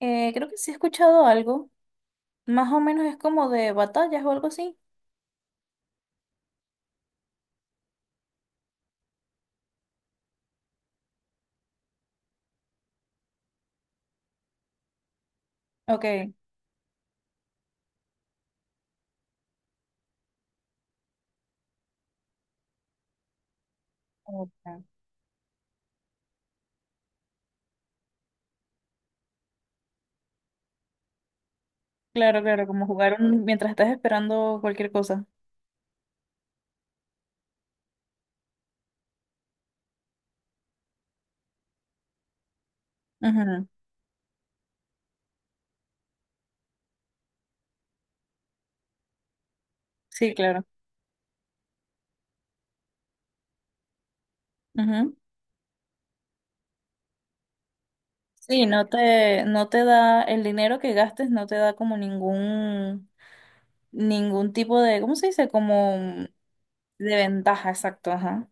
Creo que sí he escuchado algo. Más o menos es como de batallas o algo así. Ok. Ok. Claro, claro, como jugar mientras estás esperando cualquier cosa. Ujú. Sí, claro. Ujú. Sí, no te da el dinero que gastes, no te da como ningún tipo de, ¿cómo se dice? Como de ventaja, exacto, ajá.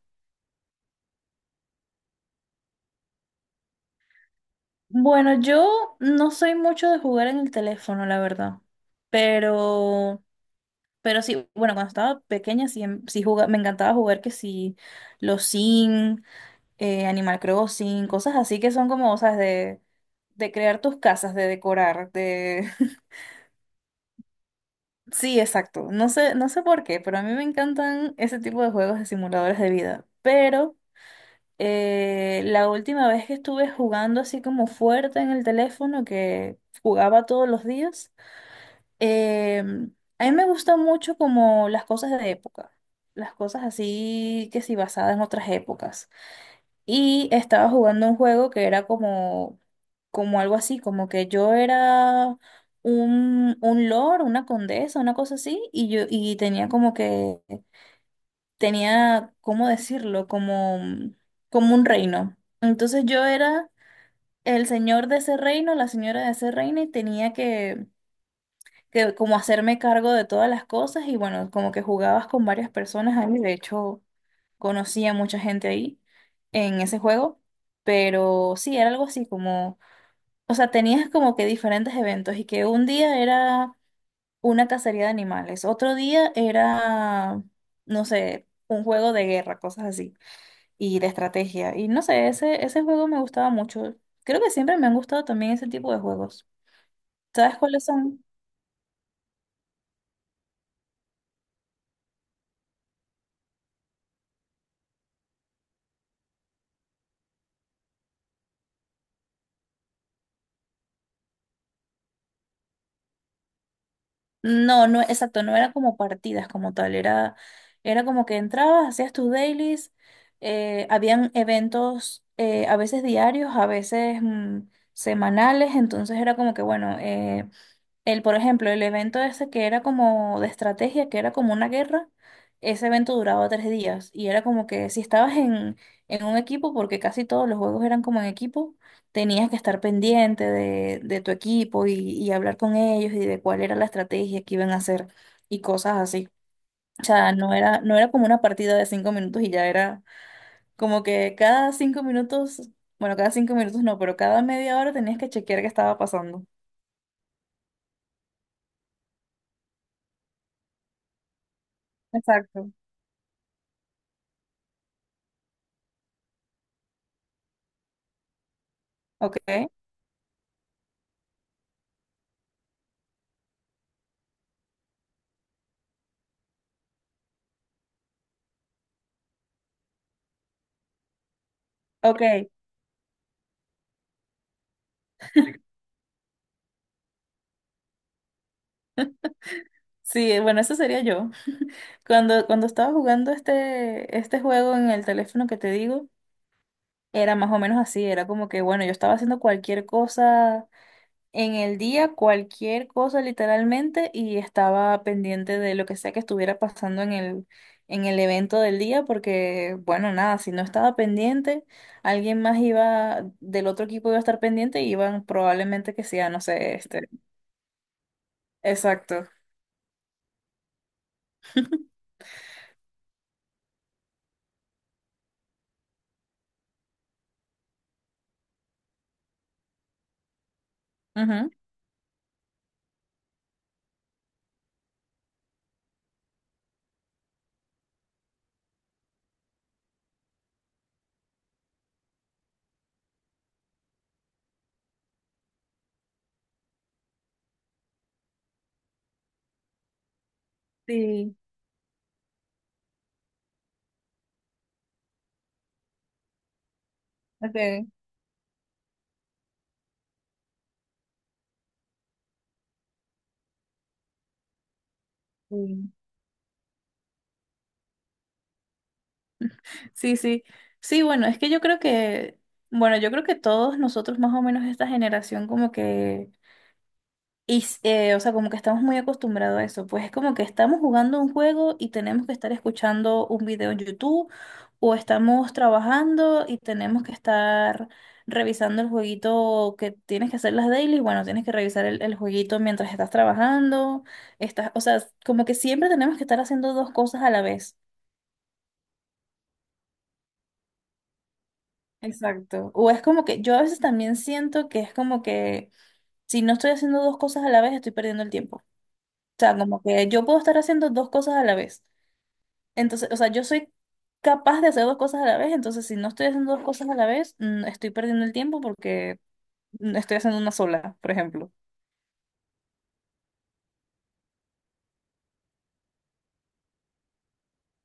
Bueno, yo no soy mucho de jugar en el teléfono, la verdad. Pero Pero sí, bueno, cuando estaba pequeña sí, sí me encantaba jugar que sí, los Sims, Animal Crossing, cosas así que son como, ¿sabes? De crear tus casas, de decorar, Sí, exacto. No sé por qué, pero a mí me encantan ese tipo de juegos de simuladores de vida. Pero la última vez que estuve jugando así como fuerte en el teléfono, que jugaba todos los días, Eh, a mí me gustan mucho como las cosas de época, las cosas así que sí basadas en otras épocas. Y estaba jugando un juego que era como algo así, como que yo era un lord, una condesa, una cosa así, y tenía tenía, ¿cómo decirlo? Como un reino. Entonces yo era el señor de ese reino, la señora de ese reino, y tenía que como hacerme cargo de todas las cosas y bueno, como que jugabas con varias personas ahí, de hecho conocí a mucha gente ahí en ese juego, pero sí, era algo así como, o sea, tenías como que diferentes eventos y que un día era una cacería de animales, otro día era, no sé, un juego de guerra, cosas así, y de estrategia, y no sé, ese juego me gustaba mucho, creo que siempre me han gustado también ese tipo de juegos. ¿Sabes cuáles son? No, no, exacto, no era como partidas como tal, era como que entrabas, hacías tus dailies, habían eventos, a veces diarios, a veces semanales, entonces era como que bueno, el, por ejemplo, el evento ese que era como de estrategia, que era como una guerra, ese evento duraba 3 días y era como que si estabas en, un equipo, porque casi todos los juegos eran como en equipo, tenías que estar pendiente de tu equipo y hablar con ellos y de cuál era la estrategia que iban a hacer y cosas así. O sea, no era como una partida de 5 minutos y ya era como que cada 5 minutos, bueno, cada 5 minutos no, pero cada media hora tenías que chequear qué estaba pasando. Exacto. Ok. Ok. Sí, bueno, eso sería yo. Cuando estaba jugando este juego en el teléfono que te digo, era más o menos así, era como que, bueno, yo estaba haciendo cualquier cosa en el día, cualquier cosa literalmente, y estaba pendiente de lo que sea que estuviera pasando en el evento del día, porque, bueno, nada, si no estaba pendiente, alguien más iba, del otro equipo iba a estar pendiente y iban probablemente que sea, no sé. Exacto. Ujú. Sí, ok. Sí. Sí, sí. Sí, bueno, es que yo creo que, bueno, yo creo que todos nosotros más o menos esta generación como que, y, o sea, como que estamos muy acostumbrados a eso. Pues es como que estamos jugando un juego y tenemos que estar escuchando un video en YouTube o estamos trabajando y tenemos que estar revisando el jueguito que tienes que hacer las dailies. Bueno, tienes que revisar el jueguito mientras estás trabajando. Estás, o sea, como que siempre tenemos que estar haciendo dos cosas a la vez. Exacto. O es como que yo a veces también siento que es como que si no estoy haciendo dos cosas a la vez, estoy perdiendo el tiempo. O sea, como que yo puedo estar haciendo dos cosas a la vez. Entonces, o sea, yo soy capaz de hacer dos cosas a la vez, entonces si no estoy haciendo dos cosas a la vez, estoy perdiendo el tiempo porque estoy haciendo una sola, por ejemplo.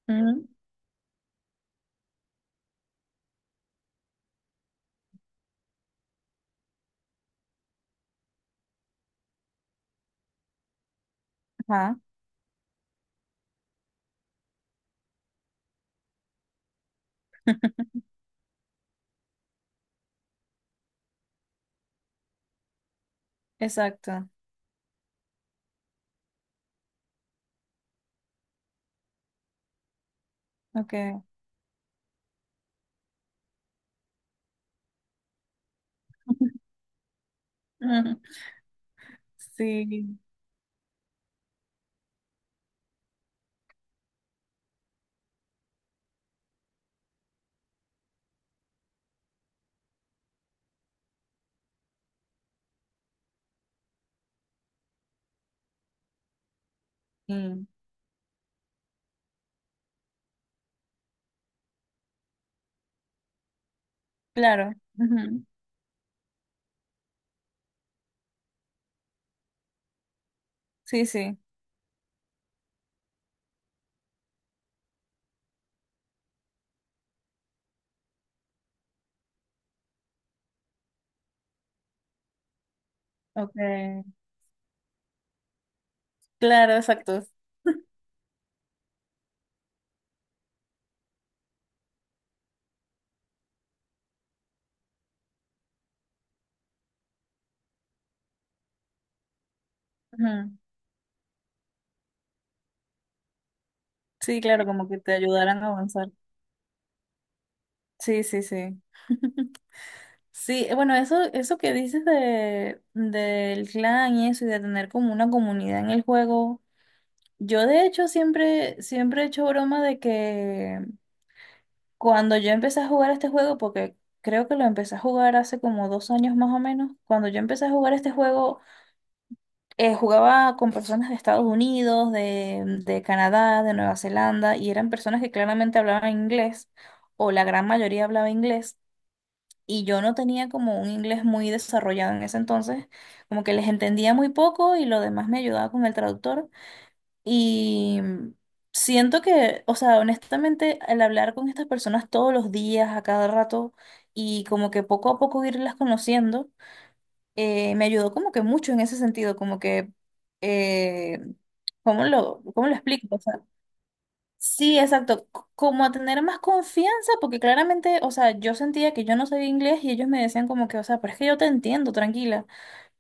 Ujú. Ajá, exacto. Ok. Ujú. Sí, mm, claro. Ujú. Sí, sí. Ok. Claro, exacto. Ujú. Sí, claro, como que te ayudaran a avanzar. Sí, sí, sí. Sí, bueno, eso, que dices del clan y eso, y de tener como una comunidad en el juego. Yo de hecho siempre, siempre he hecho broma de que cuando yo empecé a jugar este juego, porque creo que lo empecé a jugar hace como 2 años más o menos, cuando yo empecé a jugar este juego, jugaba con personas de Estados Unidos, de Canadá, de Nueva Zelanda, y eran personas que claramente hablaban inglés, o la gran mayoría hablaba inglés. Y yo no tenía como un inglés muy desarrollado en ese entonces, como que les entendía muy poco y lo demás me ayudaba con el traductor. Y siento que, o sea, honestamente, al hablar con estas personas todos los días, a cada rato, y como que poco a poco irlas conociendo, me ayudó como que mucho en ese sentido, como que, eh, ¿cómo lo explico? Sí, exacto, como a tener más confianza, porque claramente, o sea, yo sentía que yo no sabía inglés y ellos me decían como que, o sea, pero es que yo te entiendo, tranquila,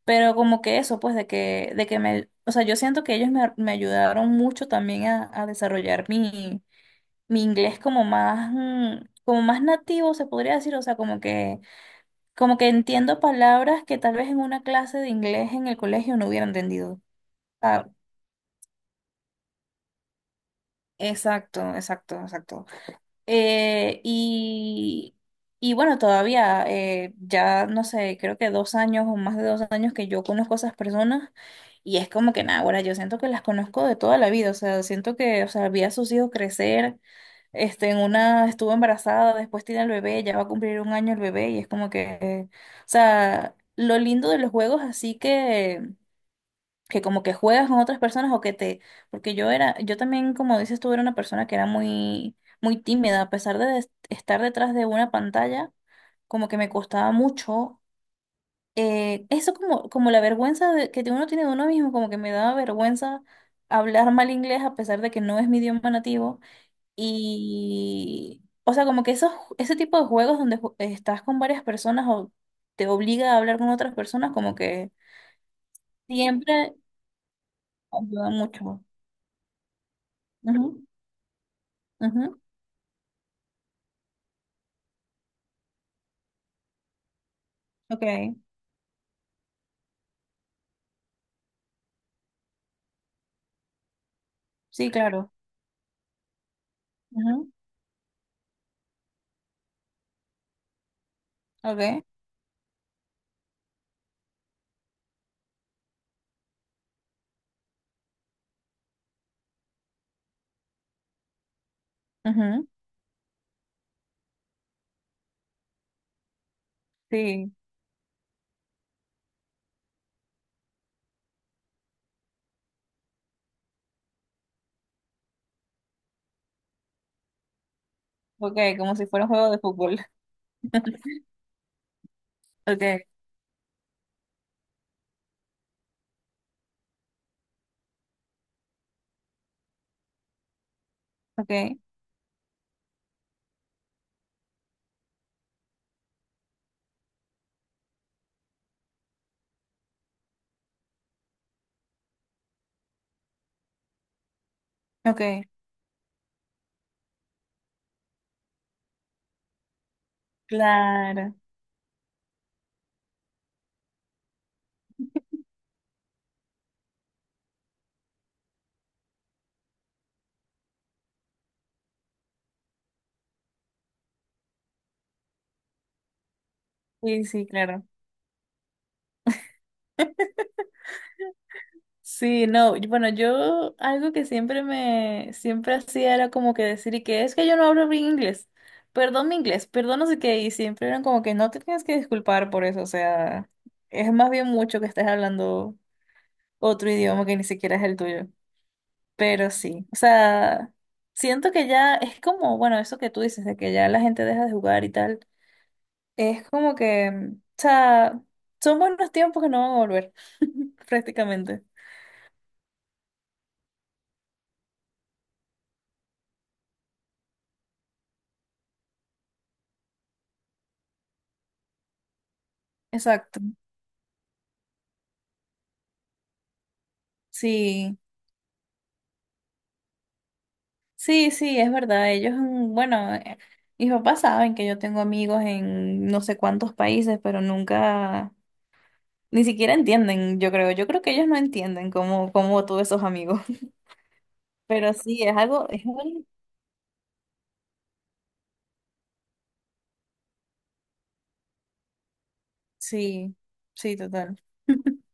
pero como que eso, pues, de que o sea, yo siento que ellos me ayudaron mucho también a desarrollar mi, mi inglés como más, como más nativo, se podría decir, o sea, como que entiendo palabras que tal vez en una clase de inglés en el colegio no hubiera entendido. Ah, exacto, exacto, exacto. Eh, y, y bueno, todavía ya no sé, creo que 2 años o más de 2 años que yo conozco a esas personas y es como que nada, ahora yo siento que las conozco de toda la vida, o sea, siento que, o sea, vi a sus hijos crecer, en una estuvo embarazada, después tiene el bebé, ya va a cumplir 1 año el bebé y es como que, o sea, lo lindo de los juegos así que como que juegas con otras personas o que te, porque yo era, yo también, como dices tú, era una persona que era muy, muy tímida, a pesar de estar detrás de una pantalla, como que me costaba mucho, eso como la vergüenza que uno tiene de uno mismo, como que me daba vergüenza hablar mal inglés a pesar de que no es mi idioma nativo y, o sea, como que esos, ese tipo de juegos donde estás con varias personas o te obliga a hablar con otras personas, como que siempre ayuda mucho. Ujú. Ok, sí, claro. Ujú. Ok, ujú. Sí, ok, como si fuera un juego de fútbol. Ok, ok, ok, claro. Sí, sí, claro. Sí, no, y bueno, yo algo que siempre hacía era como que decir y que es que yo no hablo bien inglés, perdón mi inglés, perdón no sé qué, y siempre eran como que no te tienes que disculpar por eso, o sea, es más bien mucho que estés hablando otro idioma que ni siquiera es el tuyo. Pero sí, o sea, siento que ya es como, bueno, eso que tú dices, de que ya la gente deja de jugar y tal, es como que, o sea, son buenos tiempos que no van a volver, prácticamente. Exacto. Sí, sí, sí, es verdad. Ellos, bueno, mis papás saben que yo tengo amigos en no sé cuántos países, pero nunca, ni siquiera entienden, yo creo. Yo creo que ellos no entienden cómo tuve esos amigos. Pero sí, es algo, sí, sí, total.